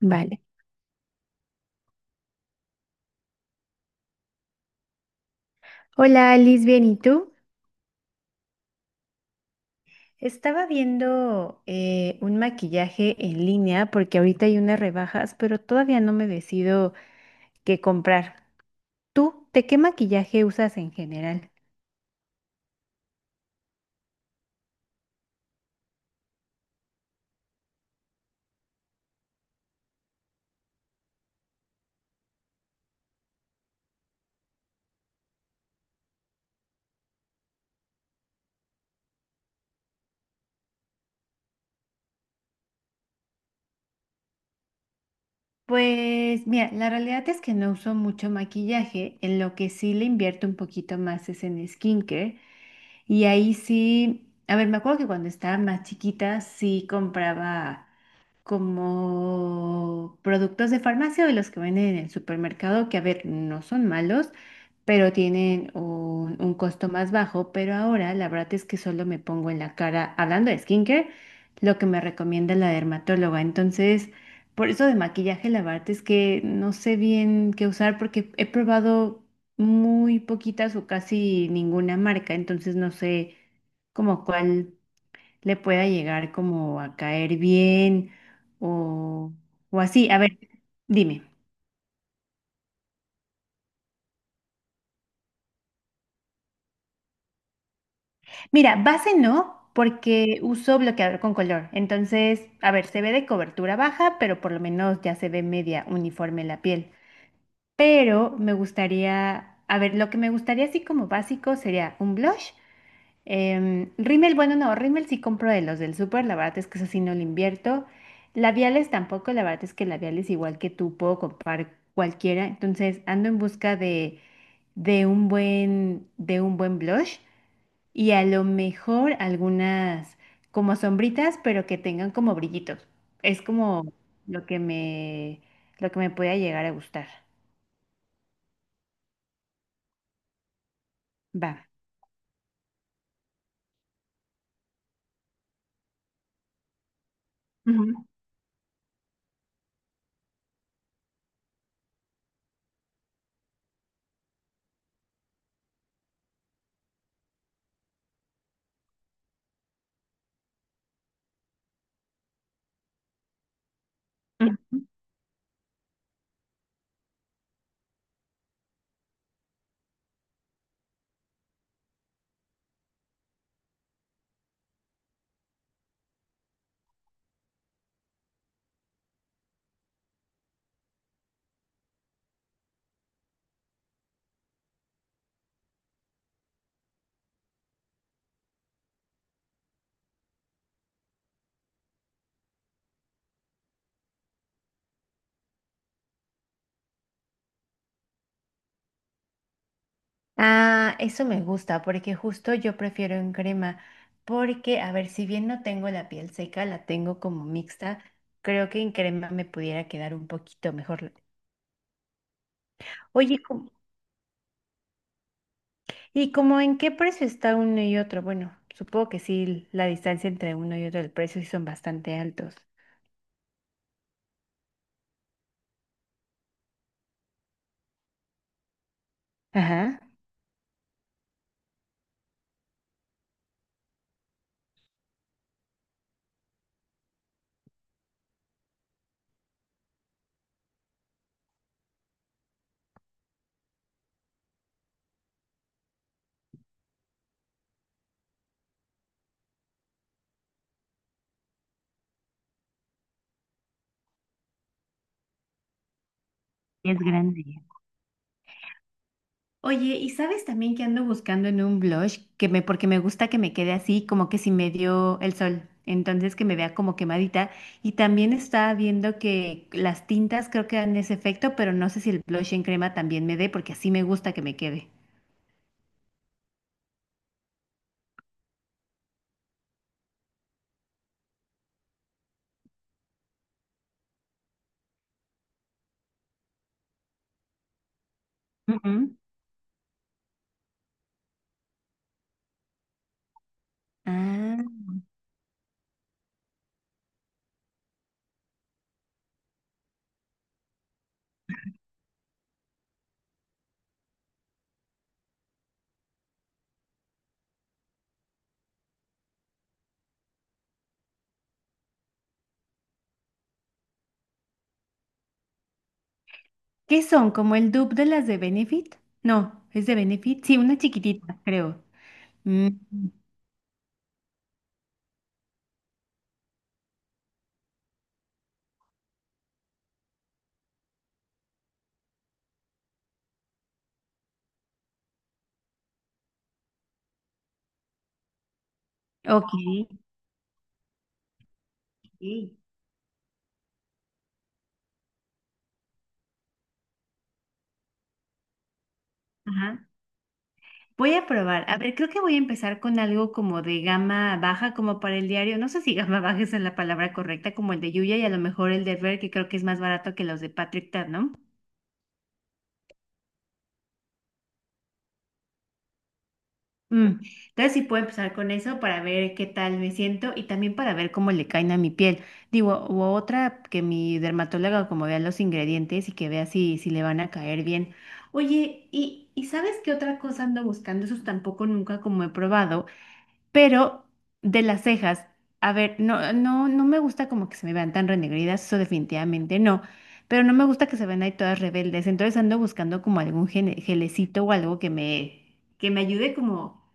Vale. Hola, Alice, bien, ¿y tú? Estaba viendo un maquillaje en línea porque ahorita hay unas rebajas, pero todavía no me decido qué comprar. ¿Tú, de qué maquillaje usas en general? Pues mira, la realidad es que no uso mucho maquillaje, en lo que sí le invierto un poquito más es en skincare. Y ahí sí, a ver, me acuerdo que cuando estaba más chiquita sí compraba como productos de farmacia o de los que venden en el supermercado, que a ver, no son malos, pero tienen un costo más bajo. Pero ahora la verdad es que solo me pongo en la cara, hablando de skincare, lo que me recomienda la dermatóloga. Entonces, por eso de maquillaje, la verdad es que no sé bien qué usar porque he probado muy poquitas o casi ninguna marca, entonces no sé como cuál le pueda llegar como a caer bien o, o así. A ver, dime. Mira, base no, porque uso bloqueador con color. Entonces, a ver, se ve de cobertura baja, pero por lo menos ya se ve media uniforme la piel. Pero me gustaría, a ver, lo que me gustaría así como básico sería un blush. Em, rímel, bueno, no, rímel sí compro de los del súper, la verdad es que eso sí no lo invierto. Labiales tampoco, la verdad es que labiales igual que tú puedo comprar cualquiera, entonces ando en busca de, de un buen blush y a lo mejor algunas como sombritas, pero que tengan como brillitos. Es como lo que me, lo que me pueda llegar a gustar. Va. Ujú, ujú. Ah, eso me gusta porque justo yo prefiero en crema porque, a ver, si bien no tengo la piel seca, la tengo como mixta, creo que en crema me pudiera quedar un poquito mejor. Oye, ¿y como en qué precio está uno y otro? Bueno, supongo que sí, la distancia entre uno y otro, el precio sí son bastante altos. Ajá. Es grande. Oye, ¿y sabes también que ando buscando en un blush que me, porque me gusta que me quede así, como que si me dio el sol, entonces que me vea como quemadita? Y también estaba viendo que las tintas creo que dan ese efecto, pero no sé si el blush en crema también me dé, porque así me gusta que me quede. Ujú. Ah, ¿qué son? ¿Como el dupe de las de Benefit? No, ¿es de Benefit? Sí, una chiquitita, creo. Mm, ok. Ok. Ajá. Voy a probar. A ver, creo que voy a empezar con algo como de gama baja, como para el diario. No sé si gama baja es la palabra correcta, como el de Yuya y a lo mejor el de Ver, que creo que es más barato que los de Patrick Tab, ¿no? Mm, entonces sí puedo empezar con eso para ver qué tal me siento y también para ver cómo le caen a mi piel. Digo, u otra que mi dermatóloga como vea los ingredientes y que vea si, si le van a caer bien. Oye, ¿y sabes qué otra cosa ando buscando? Esos tampoco nunca como he probado. Pero de las cejas, a ver, no me gusta como que se me vean tan renegridas, eso definitivamente no. Pero no me gusta que se vean ahí todas rebeldes. Entonces ando buscando como algún gelecito o algo que me ayude como.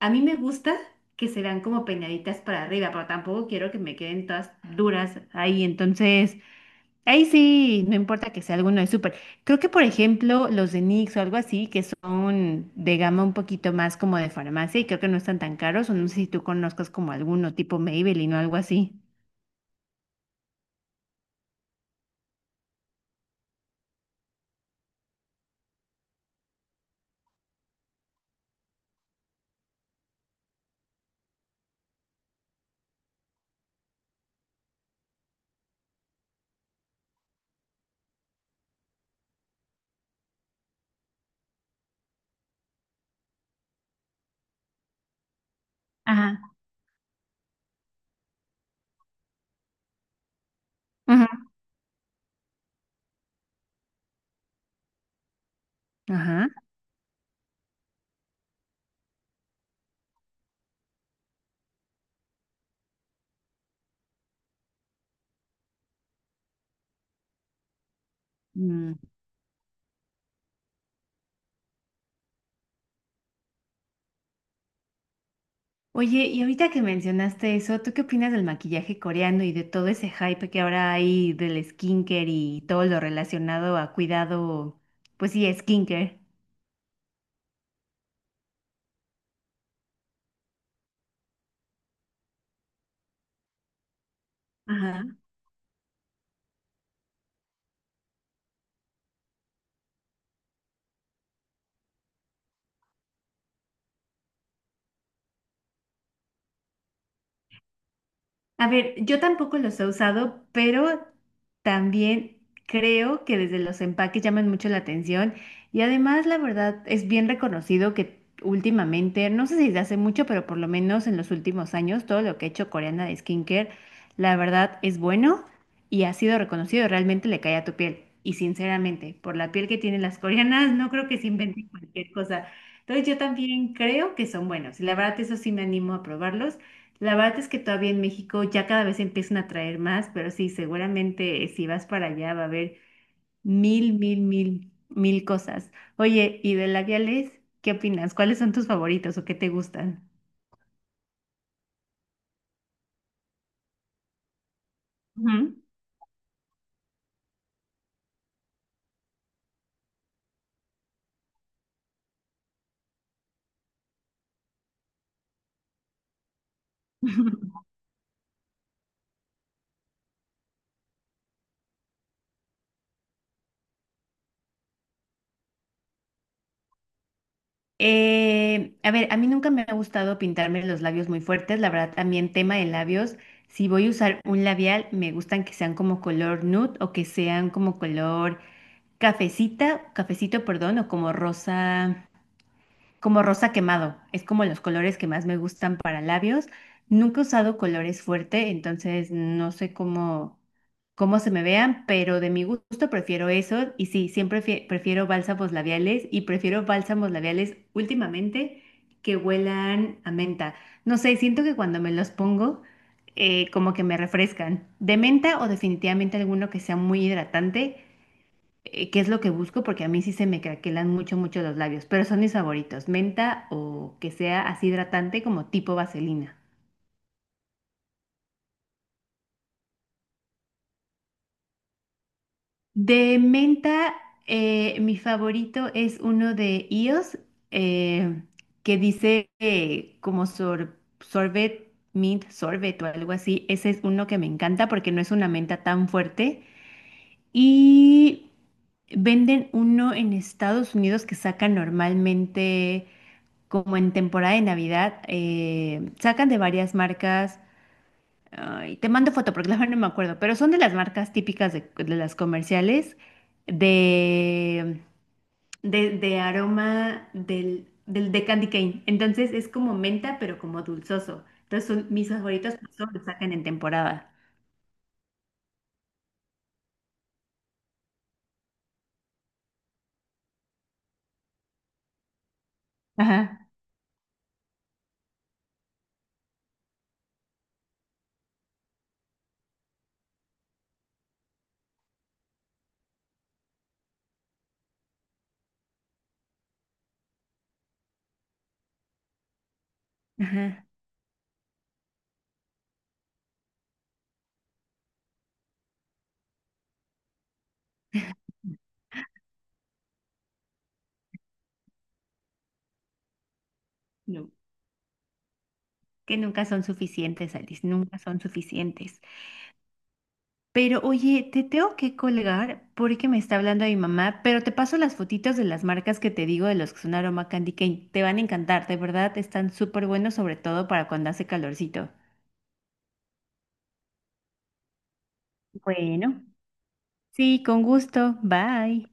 A mí me gusta que se vean como peinaditas para arriba, pero tampoco quiero que me queden todas duras ahí. Entonces. Ahí sí, no importa que sea alguno de súper. Creo que, por ejemplo, los de Nix o algo así, que son de gama un poquito más como de farmacia y creo que no están tan caros, o no sé si tú conozcas como alguno tipo Maybelline o algo así. Ajá. Ajá. Ajá. Mm. Oye, y ahorita que mencionaste eso, ¿tú qué opinas del maquillaje coreano y de todo ese hype que ahora hay del skincare y todo lo relacionado a cuidado, pues sí, skincare? Ajá. A ver, yo tampoco los he usado, pero también creo que desde los empaques llaman mucho la atención y además la verdad es bien reconocido que últimamente, no sé si desde hace mucho, pero por lo menos en los últimos años, todo lo que ha hecho Coreana de skincare, la verdad es bueno y ha sido reconocido, realmente le cae a tu piel. Y sinceramente, por la piel que tienen las coreanas, no creo que se inventen cualquier cosa. Entonces yo también creo que son buenos y la verdad eso sí me animo a probarlos. La verdad es que todavía en México ya cada vez empiezan a traer más, pero sí, seguramente si vas para allá va a haber mil, mil, mil, mil cosas. Oye, ¿y de labiales? ¿Qué opinas? ¿Cuáles son tus favoritos o qué te gustan? Ujú. A ver, a mí nunca me ha gustado pintarme los labios muy fuertes, la verdad también tema de labios, si voy a usar un labial, me gustan que sean como color nude o que sean como color cafecita, cafecito, perdón, o como rosa. Como rosa quemado. Es como los colores que más me gustan para labios. Nunca he usado colores fuerte, entonces no sé cómo, cómo se me vean, pero de mi gusto prefiero eso. Y sí, prefiero bálsamos labiales y prefiero bálsamos labiales últimamente que huelan a menta. No sé, siento que cuando me los pongo, como que me refrescan. De menta o definitivamente alguno que sea muy hidratante, qué es lo que busco, porque a mí sí se me craquelan mucho, mucho los labios, pero son mis favoritos, menta o que sea así hidratante como tipo vaselina. De menta, mi favorito es uno de IOS, eh, que dice como sorbet, mint sorbet o algo así. Ese es uno que me encanta porque no es una menta tan fuerte. Y venden uno en Estados Unidos que sacan normalmente como en temporada de Navidad, sacan de varias marcas, ay, te mando foto porque la verdad no me acuerdo, pero son de las marcas típicas de las comerciales de, de aroma del, del de candy cane. Entonces es como menta, pero como dulzoso. Entonces son mis favoritos, por eso los sacan en temporada. Ajá, ajá. No, que nunca son suficientes, Alice, nunca son suficientes. Pero oye, te tengo que colgar porque me está hablando mi mamá, pero te paso las fotitos de las marcas que te digo de los que son aroma candy cane. Te van a encantar, de verdad, están súper buenos, sobre todo para cuando hace calorcito. Bueno. Sí, con gusto. Bye.